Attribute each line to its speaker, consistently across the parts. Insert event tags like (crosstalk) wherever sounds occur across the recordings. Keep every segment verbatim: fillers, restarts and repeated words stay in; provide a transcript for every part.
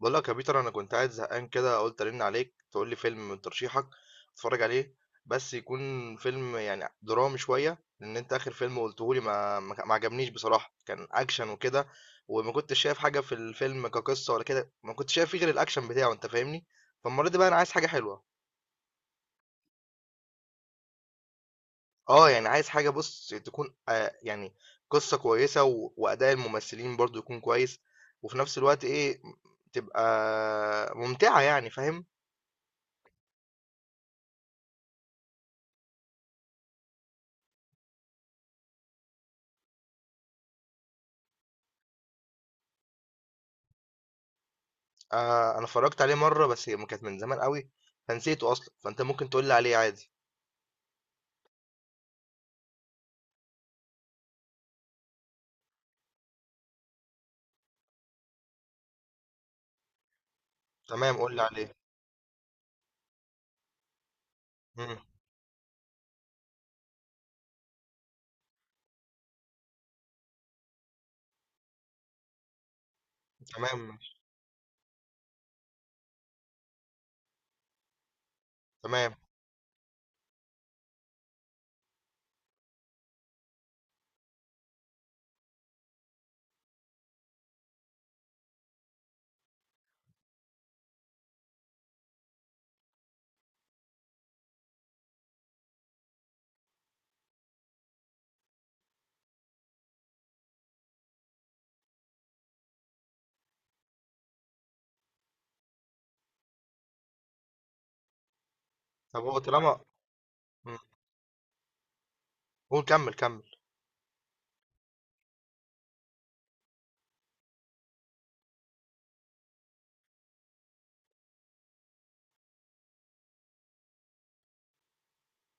Speaker 1: بقول لك يا بيتر، انا كنت قاعد زهقان كده، قلت ارن عليك تقول لي فيلم من ترشيحك اتفرج عليه. بس يكون فيلم يعني درامي شويه، لان انت اخر فيلم قلته لي ما ما ما عجبنيش بصراحه. كان اكشن وكده، وما كنتش شايف حاجه في الفيلم كقصه ولا كده، ما كنتش شايف فيه غير الاكشن بتاعه. انت فاهمني؟ فالمره دي بقى انا عايز حاجه حلوه. اه يعني عايز حاجه، بص تكون آه يعني قصه كويسه و... واداء الممثلين برضو يكون كويس، وفي نفس الوقت ايه، تبقى ممتعه يعني، فاهم؟ آه، انا اتفرجت عليه مره، بس هي كانت من زمان قوي فنسيته اصلا، فانت ممكن تقول لي عليه عادي. تمام، قول لي عليه. مم. تمام ماشي. تمام. طب هو طالما... مم. قول، كمل كمل.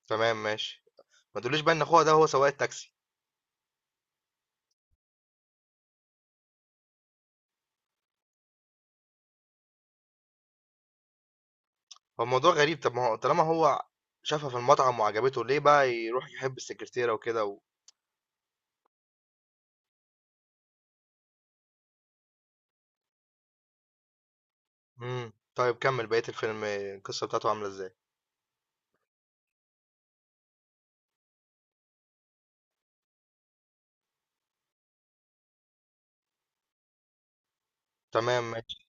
Speaker 1: تمام ماشي. ما تقوليش بقى ان اخوها ده هو سواق التاكسي. هو الموضوع غريب، طب ما هو طالما هو شافها في المطعم وعجبته، ليه بقى يروح يحب السكرتيره وكده و... مم. طيب كمل بقيه الفيلم، القصه بتاعته عامله ازاي؟ تمام ماشي.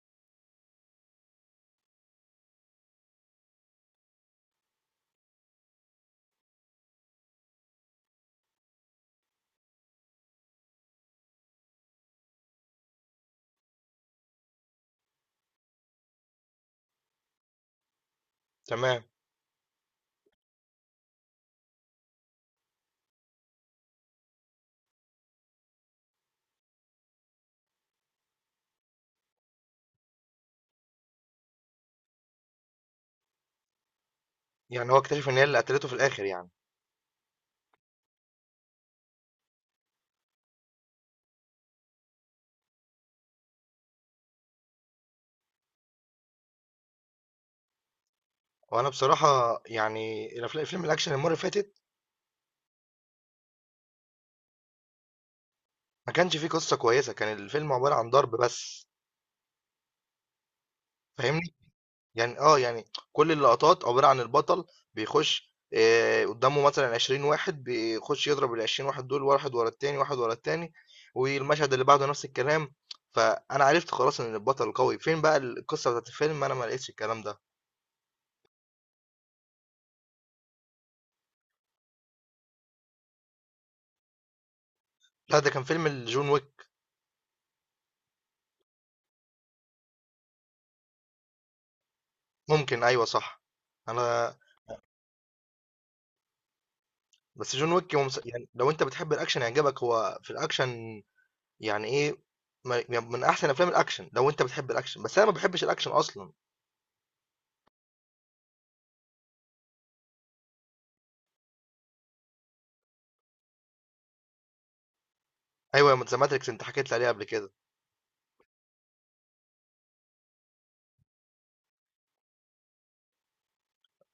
Speaker 1: تمام، يعني هو اكتشف ان هي اللي قتلته في الاخر يعني. وانا بصراحه يعني الأفلام- الفيلم الاكشن المره اللي فاتت ما كانش فيه قصة كويسة، كان الفيلم عبارة عن ضرب بس، فاهمني؟ يعني اه يعني كل اللقطات عبارة عن البطل، بيخش آه، قدامه مثلا عشرين واحد، بيخش يضرب ال عشرين واحد دول، واحد ورا التاني واحد ورا التاني، والمشهد اللي بعده نفس الكلام. فانا عرفت خلاص ان البطل قوي، فين بقى القصة بتاعت الفيلم؟ انا ما لقيتش الكلام ده. لا، ده كان فيلم جون ويك. ممكن، ايوه صح. انا... بس جون ويك هو مس- يعني لو انت بتحب الاكشن هيعجبك، هو في الاكشن يعني إيه، ما يعني من أحسن أفلام الأكشن لو أنت بتحب الأكشن، بس أنا ما باحبش الأكشن أصلًا. أيوه، ما The Matrix أنت حكيت لي عليه قبل كده.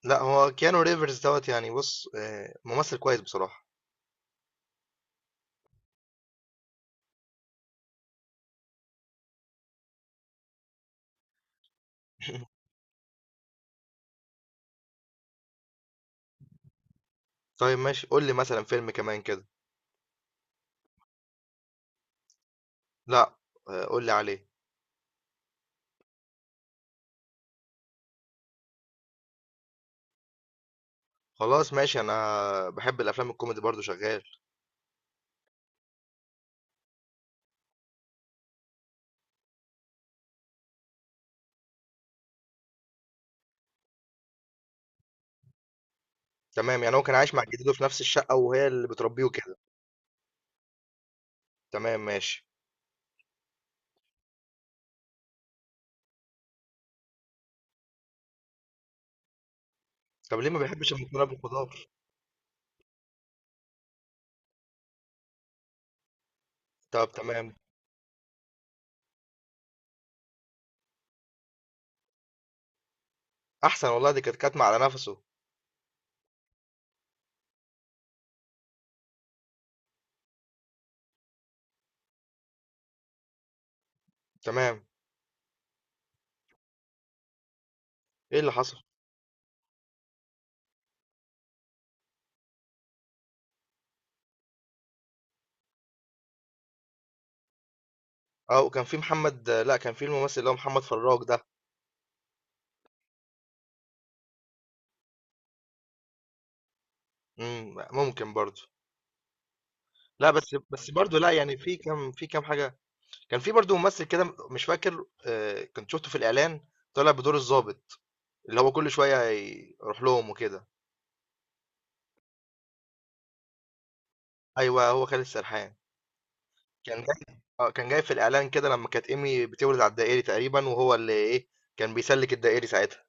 Speaker 1: لأ هو Keanu Reeves دوّة، يعني بُص آآ ممثل كويس بصراحة. (laughs) طيب ماشي، قُل لي مثلًا فيلم كمان كده. لأ. آآ قُل لي عليه. خلاص ماشي، أنا باحب الأفلام الكوميدي برضه شغال. تمام، يعني هو كان عايش مع جدته في نفس الشقة وهي اللي بتربيه وكده. تمام ماشي. طب ليه ما بيحبش المكرونة بالخضار؟ طب تمام. أحسن والله، دي كانت كاتمة على نَفَسه. تمام. إيه اللي حصل؟ آه، وكان في محمد... لأ، كان في الممثل اللي هو محمد فراج ده. إمم، ممكن برضه. لأ، بس بس برضه لأ، يعني في كام في كام حاجة. كان في برضه ممثل كده، م مش فاكر، آآ، كنت شُفته في الإعلان طالع بدور الضابط، اللي هو كل شوية يروح لهم وكده. أيوه، هو خالد سرحان. كان جاي آه، كان جاي في الإعلان كده لمّا كانت إيمي بتولد على الدائري تقريبًا، وهو اللي إيه، كان بيسلِّك الدائري ساعتها.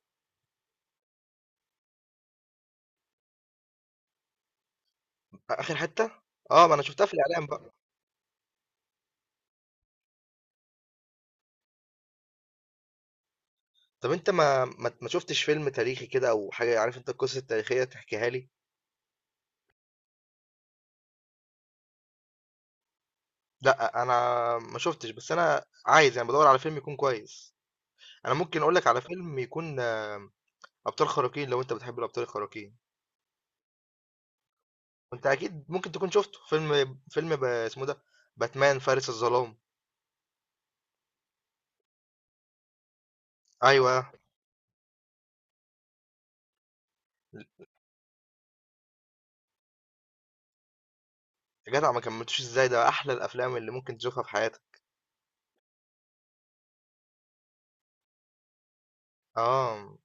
Speaker 1: أ آخر حتّة؟ آه، ما أنا شُفتها في الإعلان بقى. طَب أنت ما ما ما شُفتش فيلم تاريخي كده أو حاجة؟ عارف أنت القصص التاريخية تحكيها لي؟ لأ، أنا ما شُفتش، بس أنا عايز يعني بادوّر على فيلم يكون كويس. أنا ممكن أقول لك على فيلم يكون آه، أبطال خارقين لو أنت بتحب الأبطال الخارقين، وأنت أكيد ممكن تكون شُفته، فيلم فيلم ب اسمه ده، باتمان فارس الظلام. أيوه، يا جدع ما كمّلتوش إزاي؟ ده أحلى الأفلام اللي ممكن تشوفها في حياتك. آه،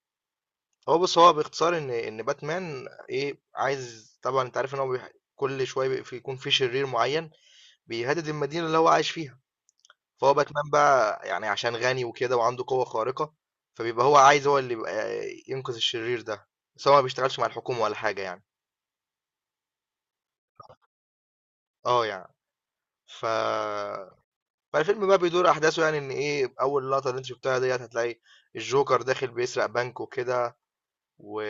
Speaker 1: هو بُص، هو باختصار إن إن باتمان إيه، عايز طبعًا أنت عارف إن هو بيح كل شوية بي في يكون في شرير معيّن بيهدد المدينة اللي هو عايش فيها. فهو باتمان بقى يعني عشان غني وكده وعنده قوة خارقة، فبيبقى هو عايز، هو اللي يبقى ينقذ الشرير ده. بس هو ما بيشتغلش مع الحكومة ولا حاجة يعني. اه يعني ف فالفيلم بقى بيدور احداثه، يعني ان ايه اول لقطة اللي انت شفتها ديت هتلاقي الجوكر داخل بيسرق بنك وكده، و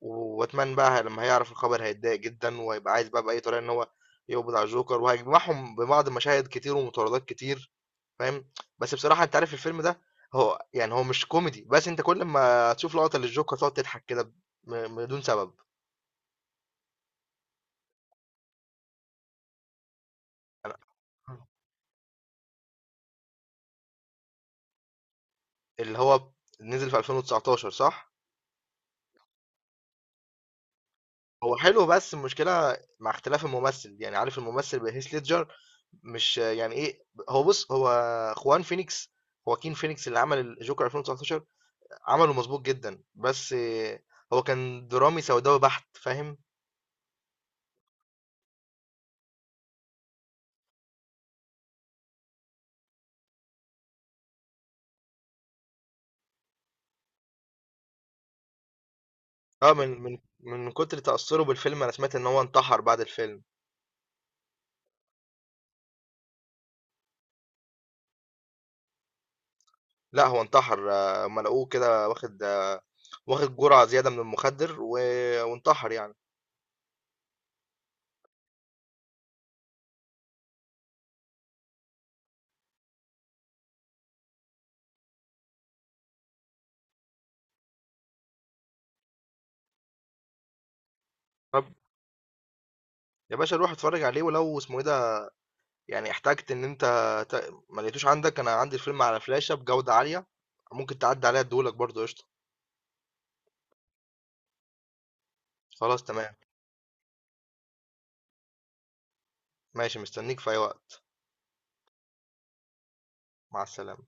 Speaker 1: وباتمان بقى لما هيعرف الخبر هيتضايق جدا، وهيبقى عايز بقى بأي طريقة ان هو يقبض على الجوكر، وهيجمعهم ببعض مشاهد كتير ومطاردات كتير، فاهم؟ بس بصراحة أنت عارف الفيلم ده هو يعني هو مش كوميدي، بس أنت كل ما تشوف لقطة للجوكر تقعد تضحك كده ب م بدون سبب. أنا اللي هو نزل في ألفين وتسعتاشر صح؟ هو حلو، بس المشكلة مع اختلاف الممثل، يعني عارف الممثل بهيث ليدجر مش يعني إيه، هو بُص هو خوان فينيكس، خواكين فينيكس اللي عمل الجوكر ألفين وتسعتاشر عمله مضبوط جدًا، بس هو كان درامي سوداوي بحت، فاهم؟ آه، من من من كتر تأثّره بالفيلم أنا سمعت إن هو انتحر بعد الفيلم. لأ هو انتحر، هُم لقوه كده واخد آه، واخد جرعة زيادة من المخدر و وانتحر يعني. طب يا باشا روح اتفرّج عليه. ولو اسمه إيه ده، يعني احتجت إن أنت ت ما لقيتوش عندك، أنا عندي الفيلم على فلاشة بجودة عالية، ممكن تعدّي عليّا ادّيه لك برضه قشطة. خلاص تمام. ماشي، مستنيك في أي وقت. مع السلامة.